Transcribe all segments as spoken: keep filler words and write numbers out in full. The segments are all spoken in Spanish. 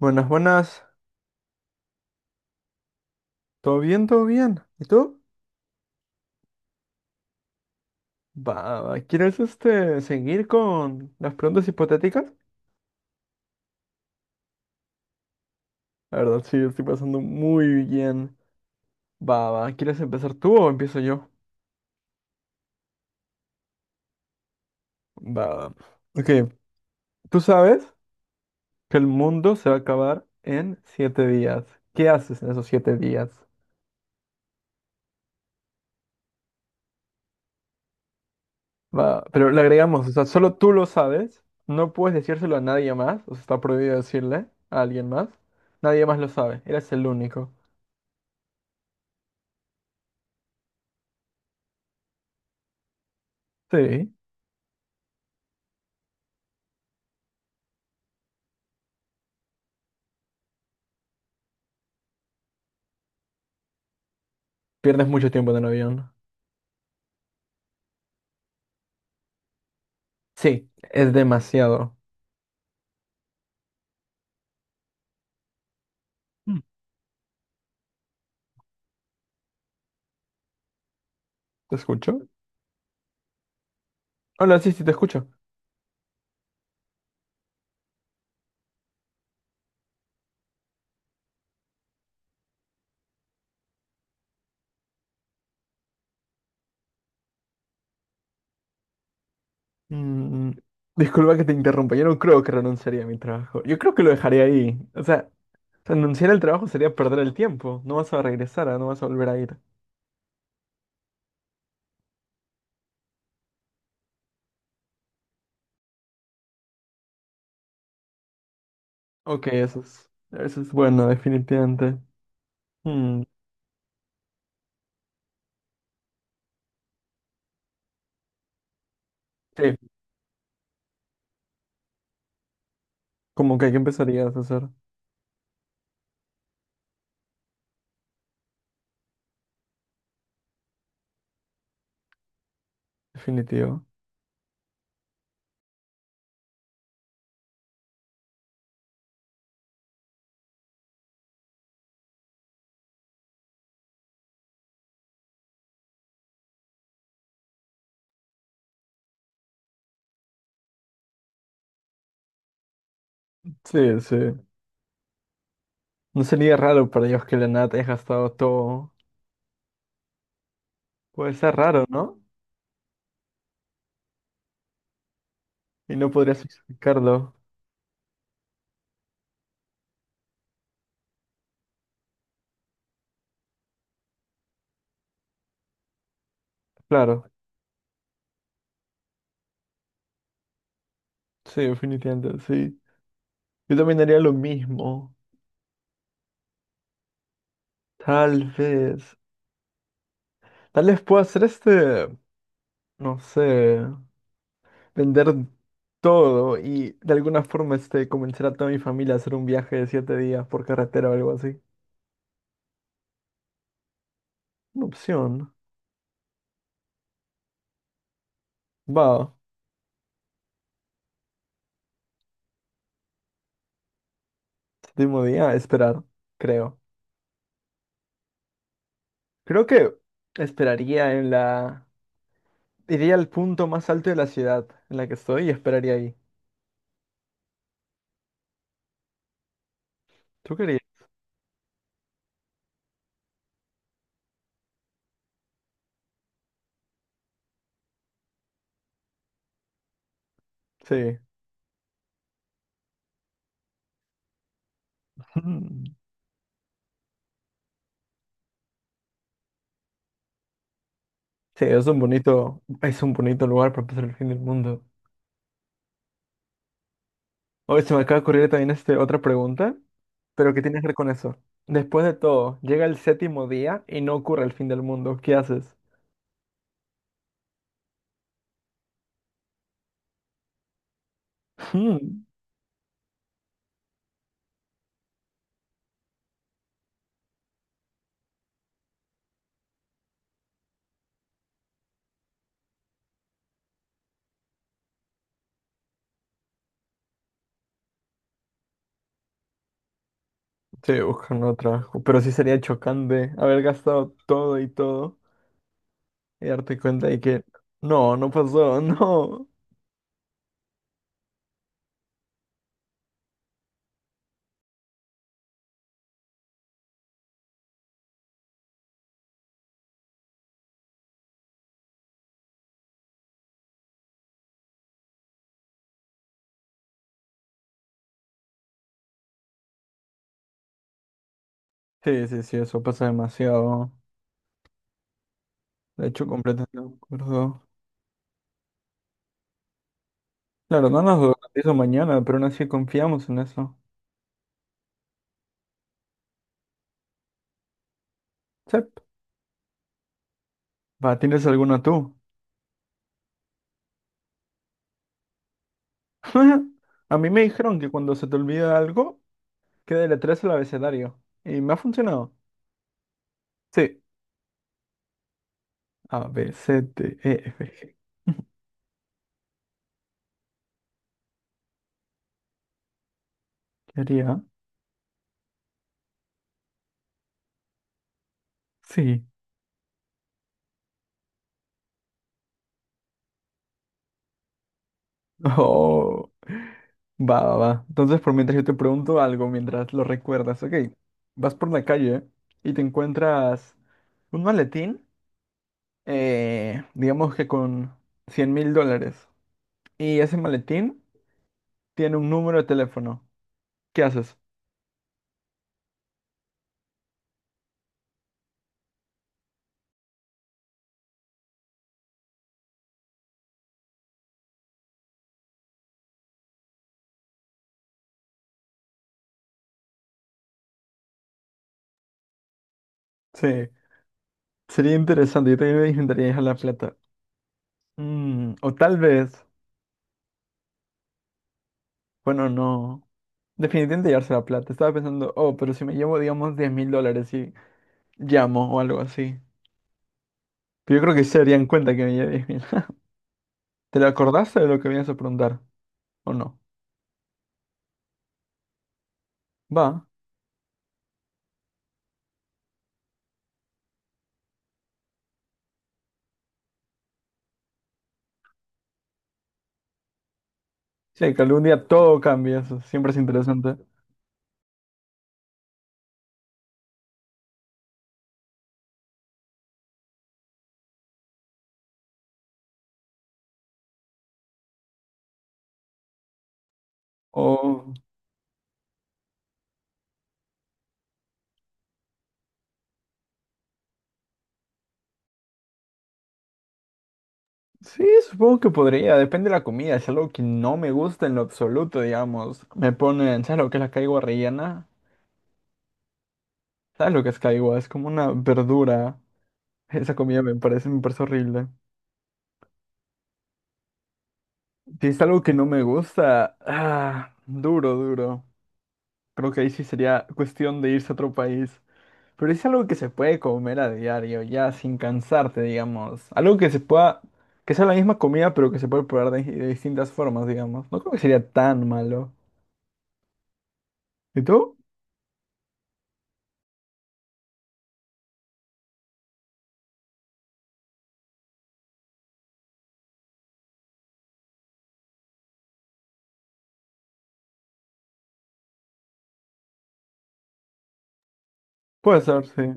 Buenas, buenas. ¿Todo bien? ¿Todo bien? ¿Y tú? Va, va, ¿quieres este, seguir con las preguntas hipotéticas? La verdad, sí, estoy pasando muy bien. Va, va, ¿quieres empezar tú o empiezo yo? Va, va. Ok, tú sabes que el mundo se va a acabar en siete días. ¿Qué haces en esos siete días? Va, pero le agregamos, o sea, solo tú lo sabes. No puedes decírselo a nadie más. O sea, está prohibido decirle a alguien más. Nadie más lo sabe. Eres el único. Sí. Pierdes mucho tiempo en el avión. Sí, es demasiado. Mm. ¿Te escucho? Hola, sí, sí, te escucho. Mm, Disculpa que te interrumpa. Yo no creo que renunciaría a mi trabajo. Yo creo que lo dejaría ahí. O sea, renunciar al trabajo sería perder el tiempo. No vas a regresar, ah, no vas a volver a ir. Ok, eso es, eso es bueno, definitivamente. Mm, sí, como que aquí empezarías a hacer. Definitivo. Sí, sí. No sería raro para ellos que de la nada te hayas gastado todo. Puede ser raro, ¿no? Y no podrías justificarlo. Claro. Sí, definitivamente, sí. Yo también haría lo mismo. Tal vez. Tal vez pueda hacer este, no sé, vender todo y de alguna forma este, convencer a toda mi familia a hacer un viaje de siete días por carretera o algo así. Una opción. Va, séptimo día, esperar, creo. Creo que esperaría en la... Iría al punto más alto de la ciudad en la que estoy y esperaría ahí. ¿Tú querías? Sí. Sí, es un bonito, es un bonito lugar para pasar el fin del mundo. Oye, se me acaba de ocurrir también este, otra pregunta, pero ¿qué tiene que ver con eso? Después de todo, llega el séptimo día y no ocurre el fin del mundo. ¿Qué haces? Hmm, sí, buscan otra. Pero sí sería chocante haber gastado todo y todo y darte cuenta de que no, no pasó, no. Sí, sí, sí, eso pasa demasiado. De hecho, completamente de acuerdo. Claro, no nos lo hizo mañana, pero aún así confiamos en eso. Sí. Va, ¿tienes alguna tú? A mí me dijeron que cuando se te olvida algo, que deletrees el abecedario. Y me ha funcionado. Sí. A B C D E F G. ¿Qué haría? Sí. Oh, va, va, va. Entonces, por mientras yo te pregunto algo, mientras lo recuerdas, ok. Vas por la calle y te encuentras un maletín, eh, digamos que con cien mil dólares. Y ese maletín tiene un número de teléfono. ¿Qué haces? Sí, sería interesante. Yo también me intentaría dejar la plata. Mm, o tal vez, bueno, no. Definitivamente llevarse la plata. Estaba pensando, oh, pero si me llevo, digamos, diez mil dólares y llamo o algo así. Pero yo creo que sí se darían cuenta que me llevé diez mil. ¿Te lo acordaste de lo que venías a preguntar? ¿O no? Va. Sí, que algún día todo cambia, eso siempre es interesante. O sí, supongo que podría, depende de la comida. Si es algo que no me gusta en lo absoluto, digamos, me ponen, ¿sabes lo que es la caigua rellena? ¿Sabes lo que es caigua? Es como una verdura. Esa comida me parece, me parece horrible. Si es algo que no me gusta, ah, duro, duro. Creo que ahí sí sería cuestión de irse a otro país. Pero es algo que se puede comer a diario, ya sin cansarte, digamos. Algo que se pueda, que sea la misma comida, pero que se puede probar de, de distintas formas, digamos. No creo que sería tan malo. ¿Y tú? Puede ser, sí.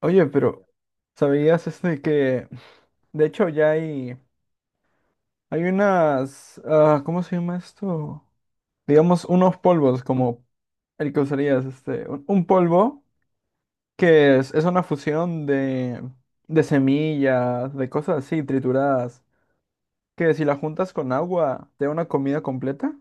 Oye, pero ¿sabías este que, de hecho, ya hay, hay unas, ah, ¿cómo se llama esto? Digamos, unos polvos como el que usarías, este, un un polvo que es, es una fusión de, de semillas, de cosas así, trituradas, que si las juntas con agua, te da una comida completa.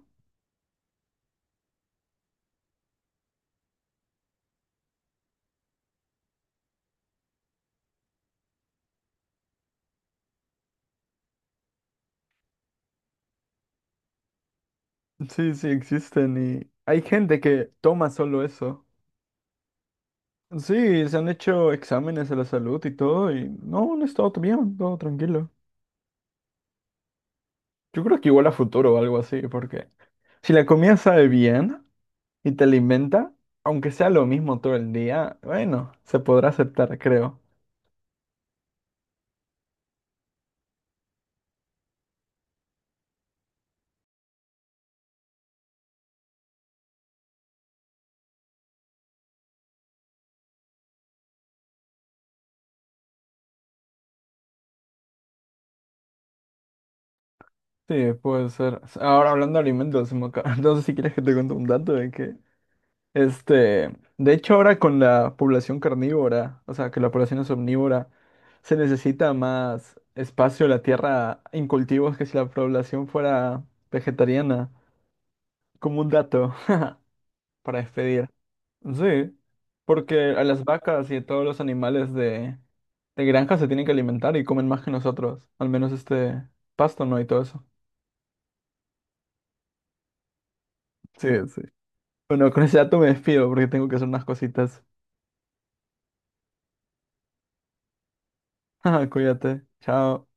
Sí, sí, existen y hay gente que toma solo eso. Sí, se han hecho exámenes de la salud y todo y no, no está todo bien, todo tranquilo. Yo creo que igual a futuro o algo así, porque si la comida sabe bien y te alimenta, aunque sea lo mismo todo el día, bueno, se podrá aceptar, creo. Sí, puede ser. Ahora hablando de alimentos, se me acaba- no sé si quieres que te cuente un dato de que, este, de hecho ahora con la población carnívora, o sea, que la población es omnívora, se necesita más espacio en la tierra en cultivos que si la población fuera vegetariana, como un dato para despedir. Sí, porque a las vacas y a todos los animales de, de granja se tienen que alimentar y comen más que nosotros, al menos este pasto, ¿no? Y todo eso. Sí, sí. Bueno, con ese dato me despido porque tengo que hacer unas cositas. Cuídate. Chao.